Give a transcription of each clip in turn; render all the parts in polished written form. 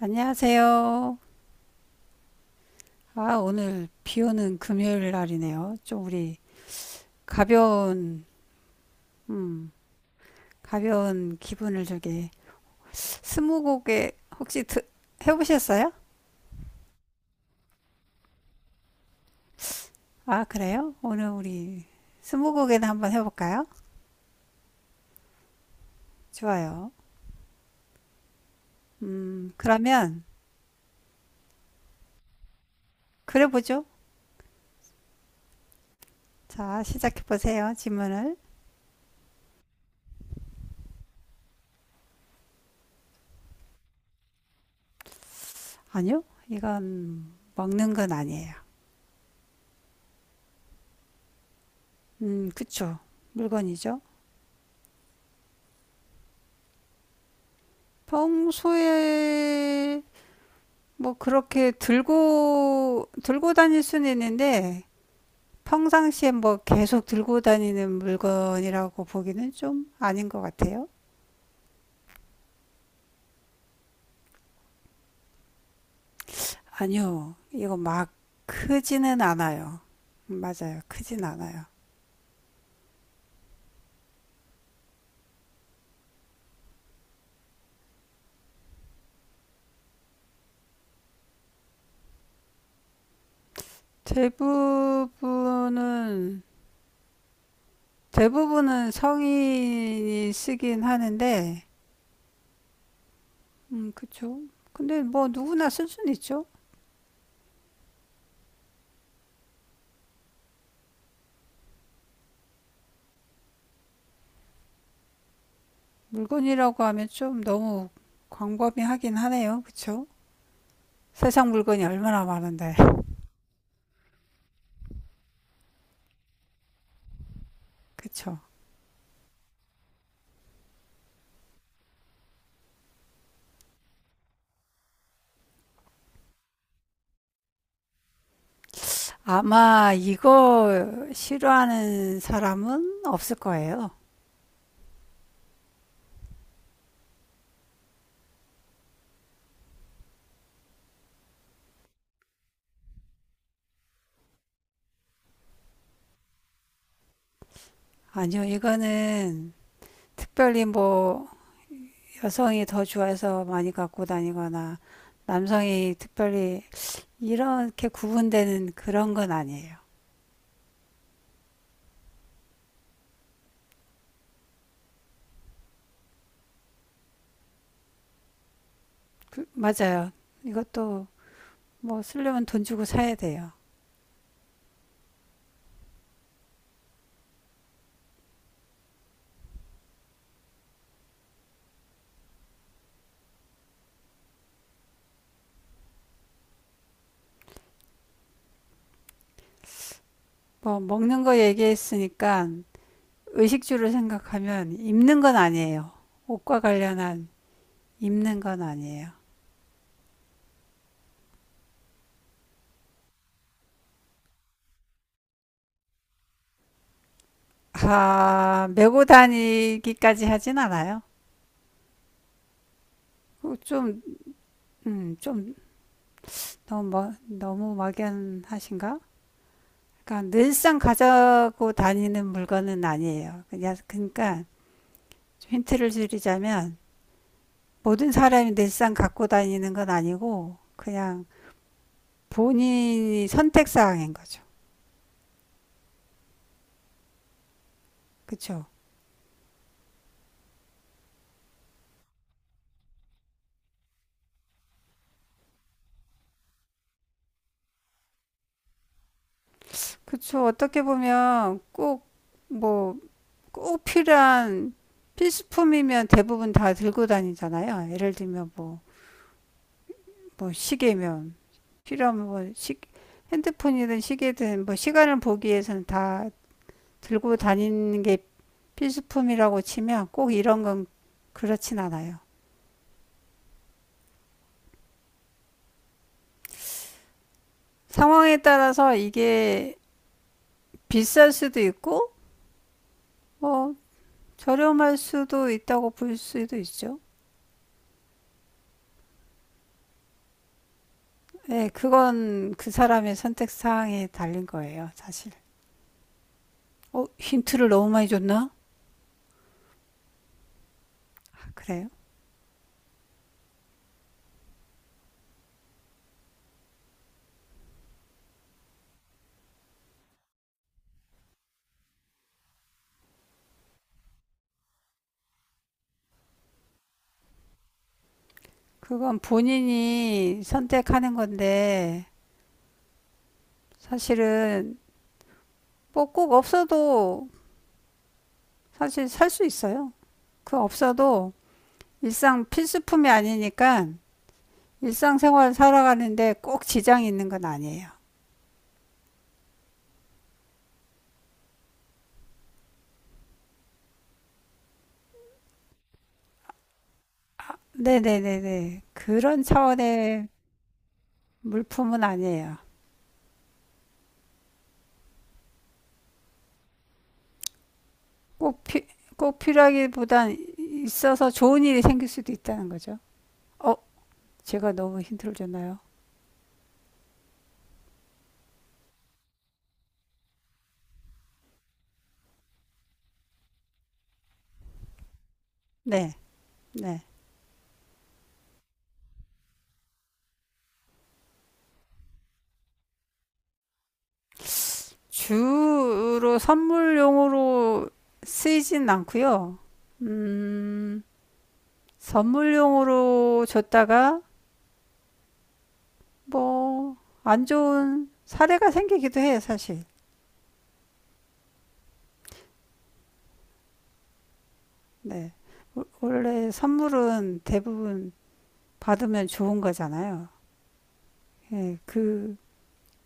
안녕하세요. 아, 오늘 비 오는 금요일 날이네요. 좀 우리 가벼운, 음, 가벼운 기분을 저게 스무고개 혹시 해보셨어요? 아, 그래요? 오늘 우리 스무고개는 한번 해볼까요? 좋아요. 그러면 그래보죠. 자, 시작해보세요. 질문을. 아니요, 이건 먹는 건 아니에요. 그쵸. 물건이죠. 평소에 뭐 그렇게 들고 다닐 수는 있는데 평상시에 뭐 계속 들고 다니는 물건이라고 보기는 좀 아닌 것 같아요. 아니요, 이거 막 크지는 않아요. 맞아요, 크진 않아요. 대부분은 대부분은 성인이 쓰긴 하는데, 그쵸. 근데 뭐 누구나 쓸 수는 있죠. 물건이라고 하면 좀 너무 광범위하긴 하네요, 그쵸? 세상 물건이 얼마나 많은데. 그쵸. 아마 이거 싫어하는 사람은 없을 거예요. 아니요, 이거는 특별히 뭐 여성이 더 좋아해서 많이 갖고 다니거나 남성이 특별히 이렇게 구분되는 그런 건 아니에요. 맞아요. 이것도 뭐 쓰려면 돈 주고 사야 돼요. 뭐 먹는 거 얘기했으니까 의식주를 생각하면 입는 건 아니에요. 옷과 관련한 입는 건 아니에요. 아, 메고 다니기까지 하진 않아요. 그 좀, 좀 너무 뭐, 너무 막연하신가? 그러니까 늘상 가지고 다니는 물건은 아니에요. 그냥 그러니까 힌트를 드리자면 모든 사람이 늘상 갖고 다니는 건 아니고 그냥 본인이 선택 사항인 거죠. 그렇죠. 그렇죠. 어떻게 보면 꼭뭐 꼭 필요한 필수품이면 대부분 다 들고 다니잖아요. 예를 들면 뭐, 뭐 시계면 필요하면 뭐 핸드폰이든 시계든 뭐 시간을 보기 위해서는 다 들고 다니는 게 필수품이라고 치면 꼭 이런 건 그렇진 않아요. 상황에 따라서 이게 비쌀 수도 있고 뭐 저렴할 수도 있다고 볼 수도 있죠. 네, 그건 그 사람의 선택 사항에 달린 거예요, 사실. 어, 힌트를 너무 많이 줬나? 그래요. 그건 본인이 선택하는 건데, 사실은 뭐 꼭 없어도 사실 살 수 있어요. 그 없어도 일상 필수품이 아니니까 일상생활 살아가는데 꼭 지장이 있는 건 아니에요. 아, 네네네네. 그런 차원의 물품은 아니에요. 꼭, 피, 꼭 필요하기보단 있어서 좋은 일이 생길 수도 있다는 거죠. 어, 제가 너무 힌트를 줬나요? 네, 네. 주로 선물용으로 쓰이진 않고요. 음, 선물용으로 줬다가 뭐 안 좋은 사례가 생기기도 해요, 사실. 네. 원- 래 선물은 대부분 받으면 좋은 거잖아요. 예, 그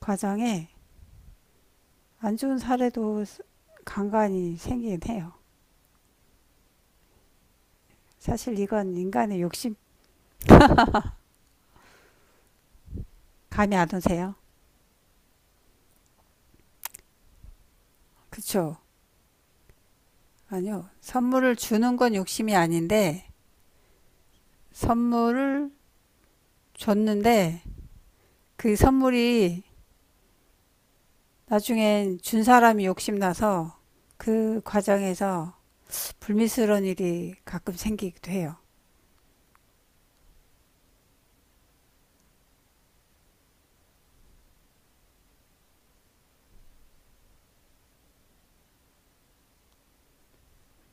과정에 안 좋은 사례도 간간히 생기긴 해요. 사실 이건 인간의 욕심 감이 안 오세요? 그쵸? 아니요. 선물을 주는 건 욕심이 아닌데 선물을 줬는데 그 선물이 나중엔 준 사람이 욕심나서 그 과정에서 불미스러운 일이 가끔 생기기도 해요.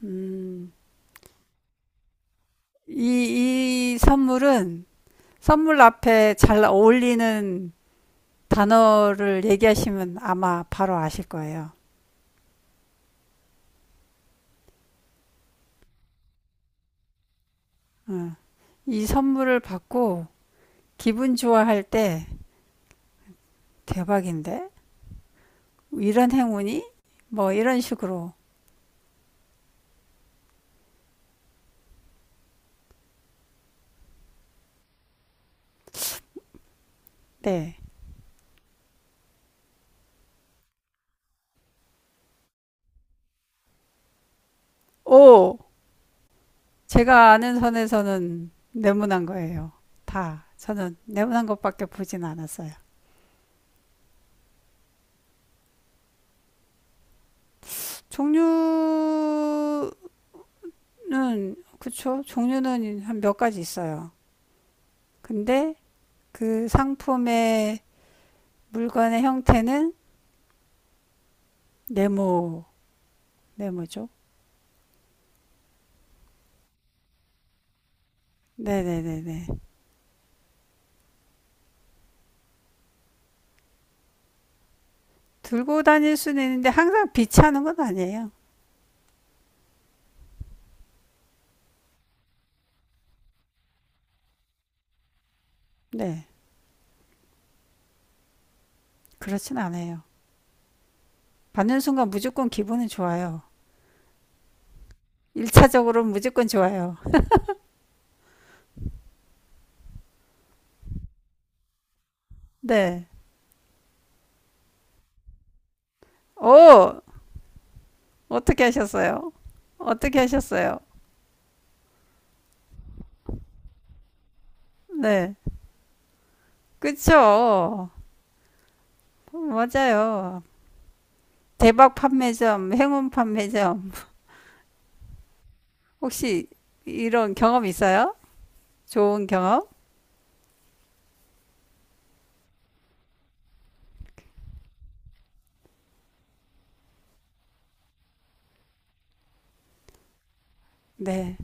음, 이 선물은 선물 앞에 잘 어울리는 단어를 얘기하시면 아마 바로 아실 거예요. 음, 이 선물을 받고 기분 좋아할 때 대박인데? 이런 행운이? 뭐 이런 식으로. 네. 오! 제가 아는 선에서는 네모난 거예요. 다. 저는 네모난 것밖에 보진 않았어요. 종류는, 그쵸? 종류는 한 몇 가지 있어요. 근데 그 상품의 물건의 형태는 네모, 네모죠. 네네네네. 들고 다닐 수는 있는데 항상 비치하는 건 아니에요. 네. 그렇진 않아요. 받는 순간 무조건 기분은 좋아요. 일차적으로는 무조건 좋아요. 네. 오! 어떻게 하셨어요? 어떻게 하셨어요? 네. 그쵸. 맞아요. 대박 판매점, 행운 판매점. 혹시 이런 경험 있어요? 좋은 경험? 네.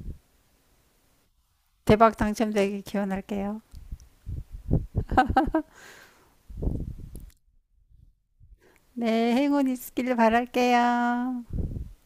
대박 당첨되길 기원할게요. 네. 행운 있길 바랄게요.